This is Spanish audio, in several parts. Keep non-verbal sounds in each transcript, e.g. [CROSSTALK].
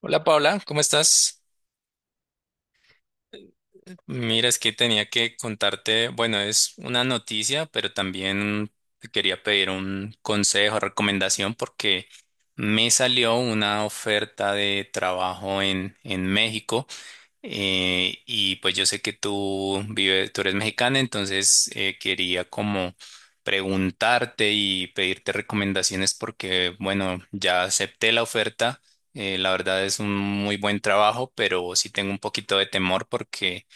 Hola, Paula, ¿cómo estás? Mira, es que tenía que contarte, bueno, es una noticia, pero también te quería pedir un consejo, recomendación, porque me salió una oferta de trabajo en México. Y pues yo sé que tú eres mexicana, entonces quería como preguntarte y pedirte recomendaciones porque, bueno, ya acepté la oferta. La verdad es un muy buen trabajo, pero sí tengo un poquito de temor porque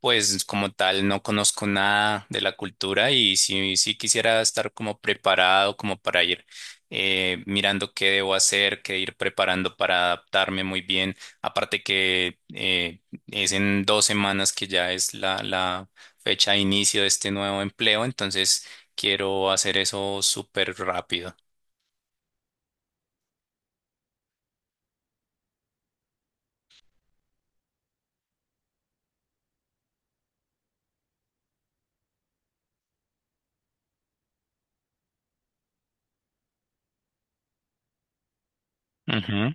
pues como tal, no conozco nada de la cultura y sí, sí quisiera estar como preparado, como para ir mirando qué debo hacer, qué ir preparando para adaptarme muy bien. Aparte que es en dos semanas que ya es la fecha de inicio de este nuevo empleo, entonces quiero hacer eso súper rápido. Ujú.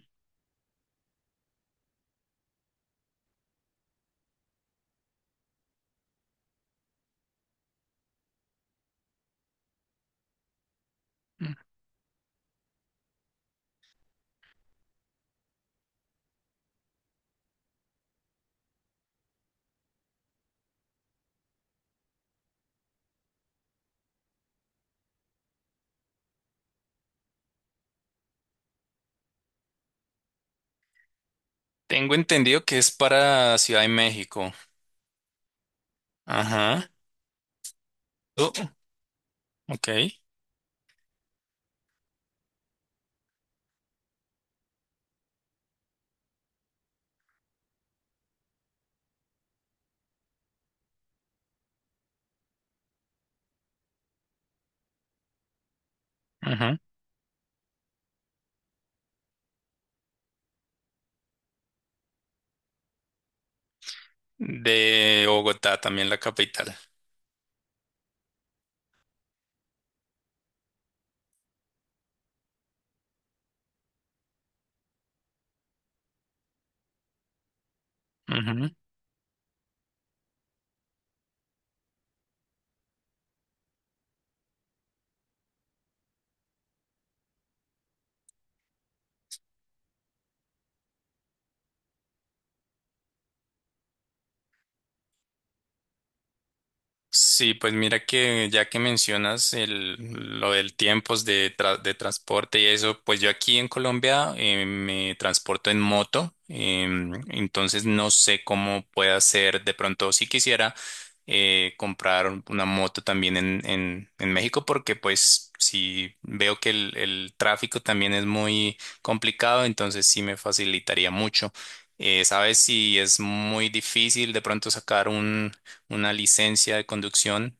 Tengo entendido que es para Ciudad de México. Ajá. Oh, ok. Ujú. De Bogotá, también la capital. Ujú. Sí, pues mira que ya que mencionas lo del tiempos de, tra- de transporte y eso, pues yo aquí en Colombia me transporto en moto, entonces no sé cómo pueda ser de pronto si quisiera comprar una moto también en México, porque pues si veo que el tráfico también es muy complicado, entonces sí me facilitaría mucho. ¿Sabes si es muy difícil de pronto sacar una licencia de conducción?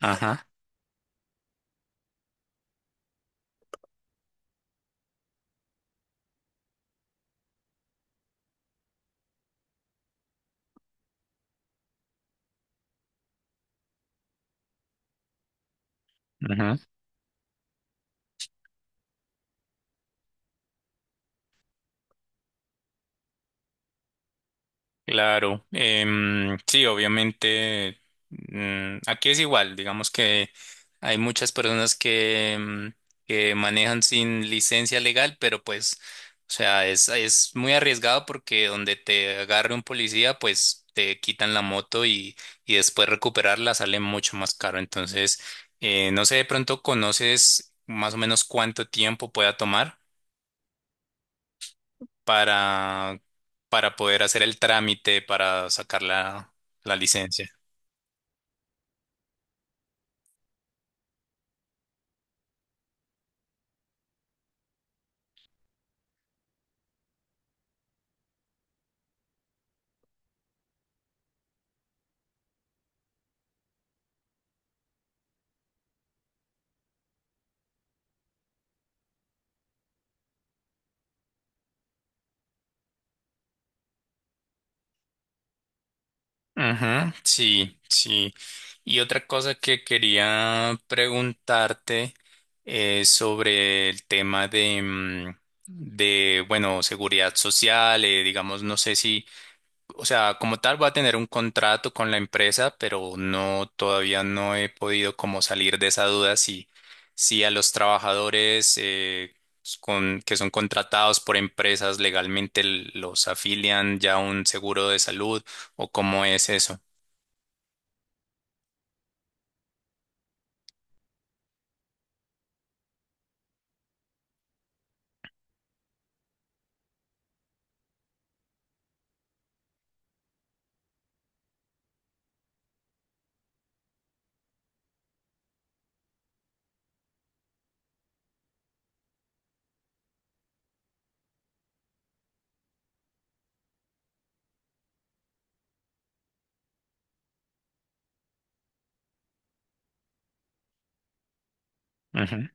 Ajá, ajá. Claro. Sí, obviamente, aquí es igual, digamos que hay muchas personas que que manejan sin licencia legal, pero pues, o sea, es muy arriesgado porque donde te agarre un policía, pues te quitan la moto y después recuperarla sale mucho más caro. Entonces, no sé, de pronto conoces más o menos cuánto tiempo pueda tomar para, para poder hacer el trámite para sacar la licencia. Ujú, sí, sí. Y otra cosa que quería preguntarte es sobre el tema de, bueno, seguridad social, digamos, no sé si... O sea, como tal, voy a tener un contrato con la empresa, pero no, todavía no he podido como salir de esa duda si, si a los trabajadores que son contratados por empresas legalmente los afilian ya a un seguro de salud o cómo es eso. Ujú.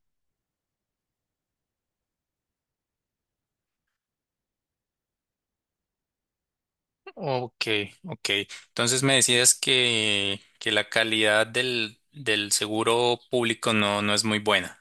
Ok, ok. Entonces me decías que la calidad del seguro público no, no es muy buena.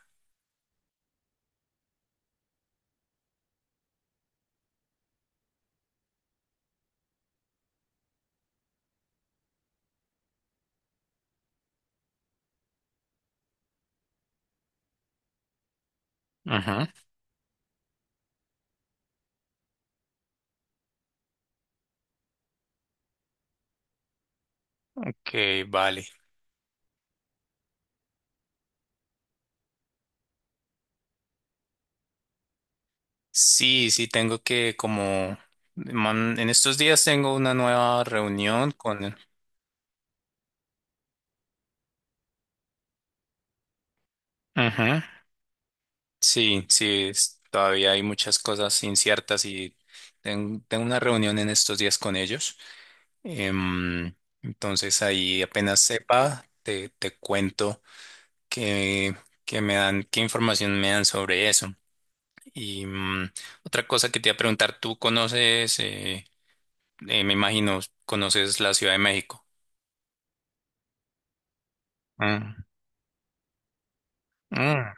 Ujú. Ok, vale. Sí, sí, tengo que como en estos días tengo una nueva reunión con el... Ujú. Sí, sí, todavía hay muchas cosas inciertas y tengo una reunión en estos días con ellos. Em, entonces ahí apenas sepa, te cuento qué, qué me dan, qué información me dan sobre eso. Y otra cosa que te iba a preguntar, ¿tú conoces, me imagino, conoces la Ciudad de México? Mm. Mm.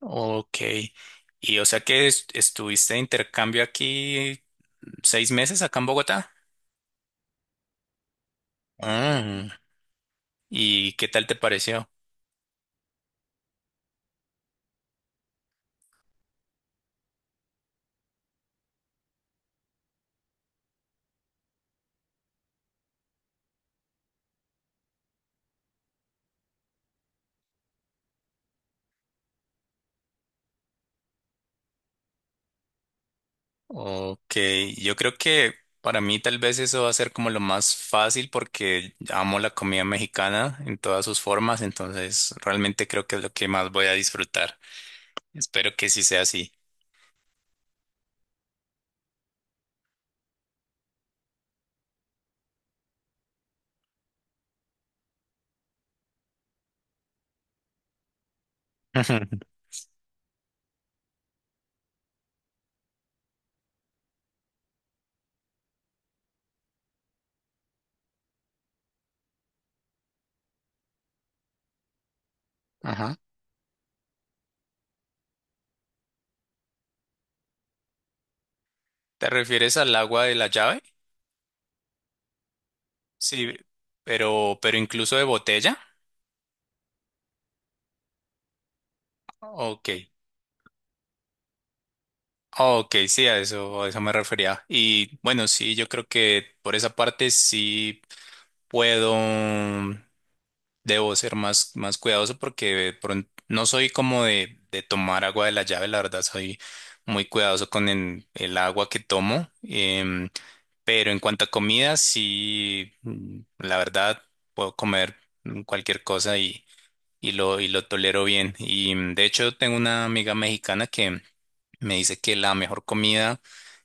Ok. Y o sea que estuviste de intercambio aquí seis meses acá en Bogotá. Ah, ¿y qué tal te pareció? Ok, yo creo que para mí tal vez eso va a ser como lo más fácil porque amo la comida mexicana en todas sus formas, entonces realmente creo que es lo que más voy a disfrutar. Espero que sí sea así. [LAUGHS] Ajá. ¿Te refieres al agua de la llave? Sí, pero incluso de botella. Ok. Oh, ok, sí, a eso me refería. Y bueno, sí, yo creo que por esa parte sí puedo, debo ser más, más cuidadoso porque no soy como de tomar agua de la llave, la verdad soy muy cuidadoso con el agua que tomo. em, pero en cuanto a comida, sí, la verdad puedo comer cualquier cosa y y lo tolero bien. Y de hecho tengo una amiga mexicana que me dice que la mejor comida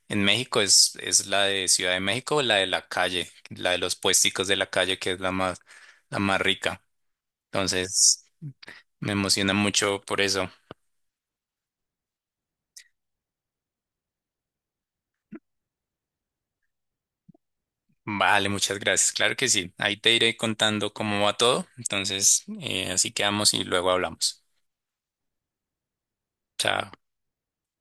en México es la de Ciudad de México, la de la calle, la de los puesticos de la calle, que es la más rica. Entonces, me emociona mucho por eso. Vale, muchas gracias. Claro que sí. Ahí te iré contando cómo va todo. Entonces, así quedamos y luego hablamos. Chao.